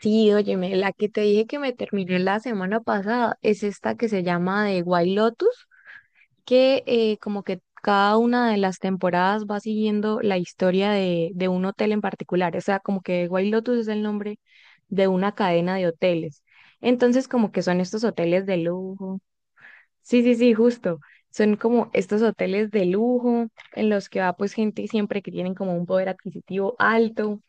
Sí, óyeme, la que te dije que me terminé la semana pasada es esta que se llama de White Lotus, que como que cada una de las temporadas va siguiendo la historia de un hotel en particular, o sea, como que White Lotus es el nombre de una cadena de hoteles. Entonces, como que son estos hoteles de lujo. Sí, sí, sí, justo. Son como estos hoteles de lujo en los que va pues gente siempre que tienen como un poder adquisitivo alto.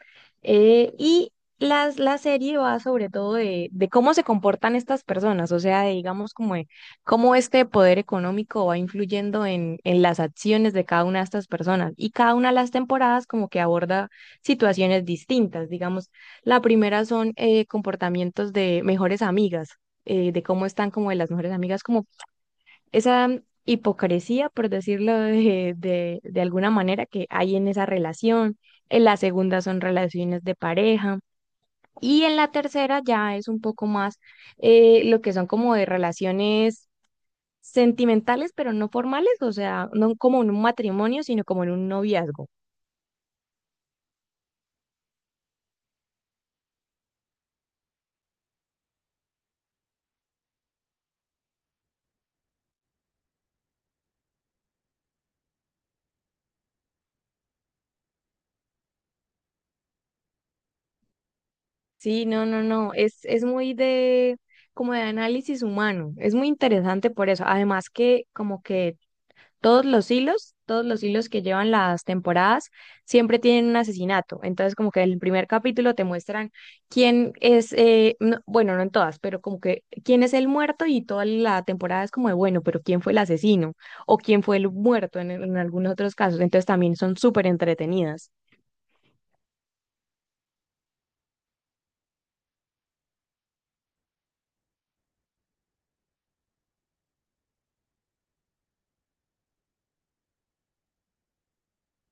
Y la serie va sobre todo de cómo se comportan estas personas, o sea, de, digamos como de cómo este poder económico va influyendo en las acciones de cada una de estas personas. Y cada una de las temporadas como que aborda situaciones distintas. Digamos, la primera son comportamientos de mejores amigas, de cómo están como de las mejores amigas, como esa hipocresía, por decirlo de alguna manera, que hay en esa relación. En la segunda son relaciones de pareja. Y en la tercera ya es un poco más lo que son como de relaciones sentimentales, pero no formales, o sea, no como en un matrimonio, sino como en un noviazgo. Sí, no, no, no, es muy de como de análisis humano, es muy interesante por eso, además que como que todos los hilos que llevan las temporadas, siempre tienen un asesinato. Entonces, como que en el primer capítulo te muestran quién es, bueno, no en todas, pero como que quién es el muerto y toda la temporada es como de, bueno, pero quién fue el asesino o quién fue el muerto en algunos otros casos. Entonces, también son súper entretenidas.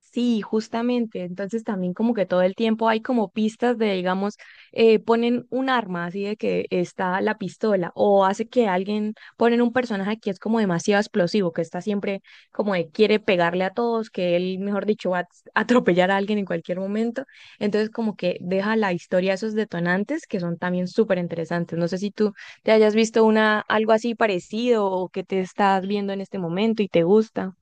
Sí, justamente. Entonces también como que todo el tiempo hay como pistas de, digamos, ponen un arma así de que está la pistola o hace que alguien ponen un personaje que es como demasiado explosivo, que está siempre como de quiere pegarle a todos, que él, mejor dicho, va a atropellar a alguien en cualquier momento. Entonces como que deja la historia esos detonantes que son también súper interesantes. No sé si tú te hayas visto una algo así parecido o que te estás viendo en este momento y te gusta.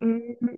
Mm,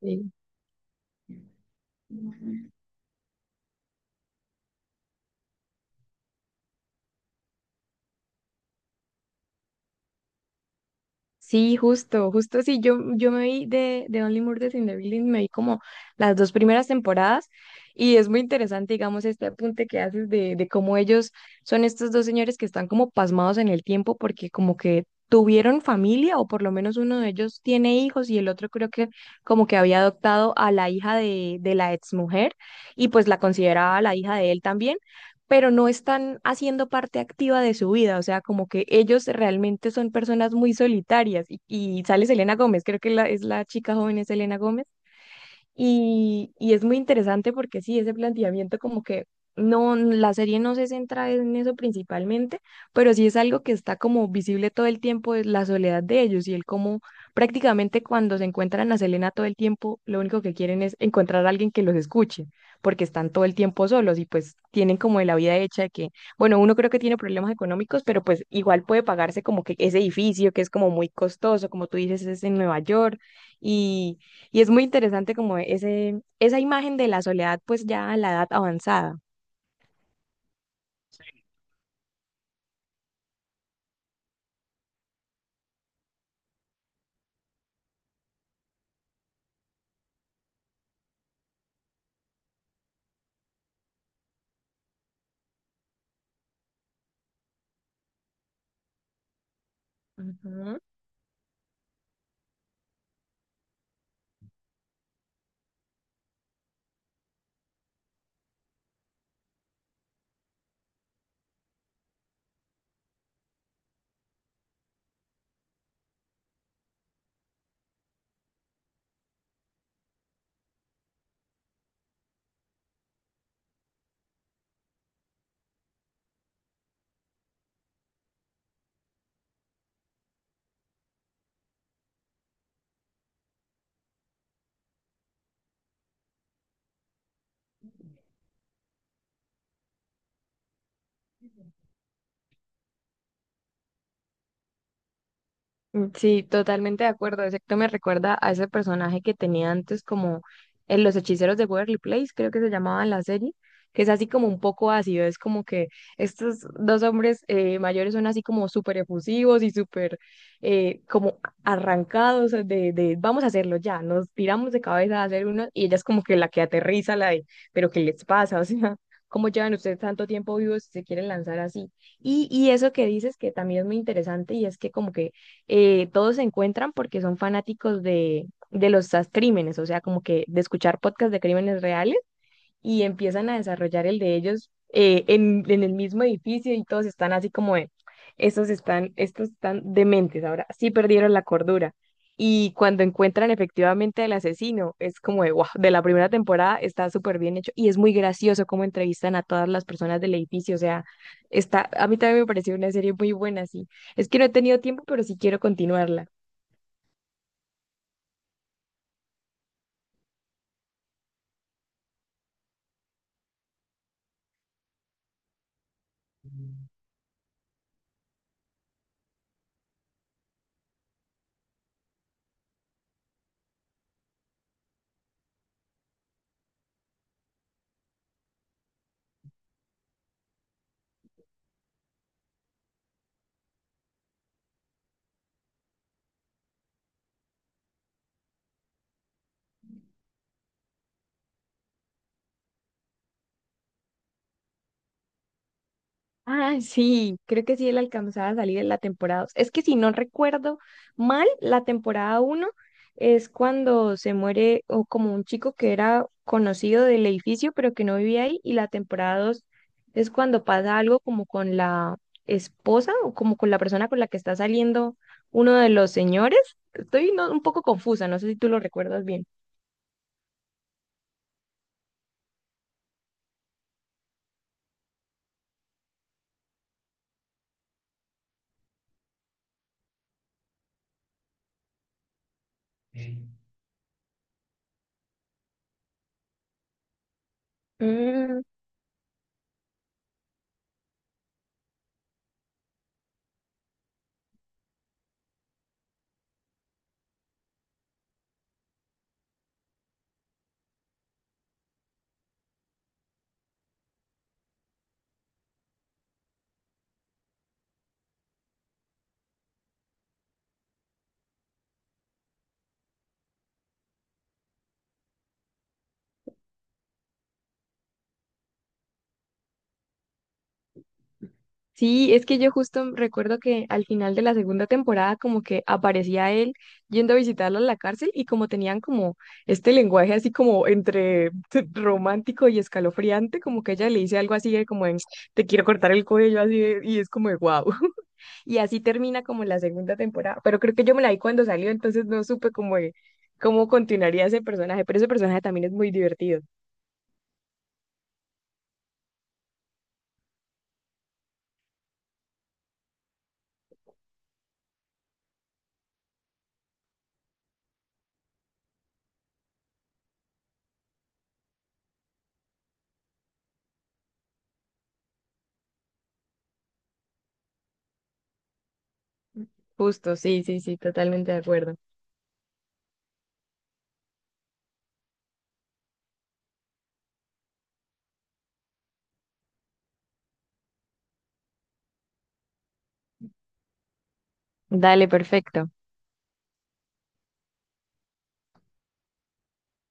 sí. Sí, justo, justo sí. Yo me vi de Only Murders in the Building, me vi como las dos primeras temporadas y es muy interesante, digamos, este apunte que haces de cómo ellos son estos dos señores que están como pasmados en el tiempo porque como que tuvieron familia o por lo menos uno de ellos tiene hijos y el otro creo que como que había adoptado a la hija de la exmujer y pues la consideraba la hija de él también, pero no están haciendo parte activa de su vida, o sea, como que ellos realmente son personas muy solitarias. Y sale Selena Gómez, creo que la, es la chica joven, es Selena Gómez, y es muy interesante porque sí, ese planteamiento como que no, la serie no se centra en eso principalmente, pero sí es algo que está como visible todo el tiempo, es la soledad de ellos y el cómo prácticamente cuando se encuentran a Selena todo el tiempo, lo único que quieren es encontrar a alguien que los escuche, porque están todo el tiempo solos y pues tienen como de la vida hecha de que, bueno, uno creo que tiene problemas económicos, pero pues igual puede pagarse como que ese edificio que es como muy costoso, como tú dices, es en Nueva York y y es muy interesante como ese, esa imagen de la soledad, pues ya a la edad avanzada. Mm, sí, totalmente de acuerdo. Exacto, me recuerda a ese personaje que tenía antes como en Los Hechiceros de Waverly Place, creo que se llamaba la serie, que es así como un poco ácido. Es como que estos dos hombres mayores son así como súper efusivos y súper como arrancados de vamos a hacerlo ya, nos tiramos de cabeza a hacer uno y ella es como que la que aterriza, la de, pero ¿qué les pasa? O sea, ¿cómo llevan ustedes tanto tiempo vivos si se quieren lanzar así? Y eso que dices que también es muy interesante y es que como que todos se encuentran porque son fanáticos de los crímenes, o sea, como que de escuchar podcasts de crímenes reales y empiezan a desarrollar el de ellos, en el mismo edificio y todos están así como de, estos están dementes, ahora sí perdieron la cordura. Y cuando encuentran efectivamente al asesino, es como de wow, de la primera temporada está súper bien hecho y es muy gracioso cómo entrevistan a todas las personas del edificio. O sea, está, a mí también me pareció una serie muy buena, sí. Es que no he tenido tiempo, pero sí quiero continuarla. Ah, sí, creo que sí él alcanzaba a salir en la temporada 2. Es que si no recuerdo mal, la temporada uno es cuando se muere o como un chico que era conocido del edificio pero que no vivía ahí y la temporada 2 es cuando pasa algo como con la esposa o como con la persona con la que está saliendo uno de los señores. Estoy un poco confusa, no sé si tú lo recuerdas bien. Mm, sí, es que yo justo recuerdo que al final de la segunda temporada como que aparecía él yendo a visitarla a la cárcel y como tenían como este lenguaje así como entre romántico y escalofriante, como que ella le dice algo así de como en, te quiero cortar el cuello así de- y es como de wow. Y así termina como la segunda temporada, pero creo que yo me la vi cuando salió, entonces no supe como de cómo continuaría ese personaje, pero ese personaje también es muy divertido. Justo, sí, sí, sí, totalmente de acuerdo. Dale, perfecto.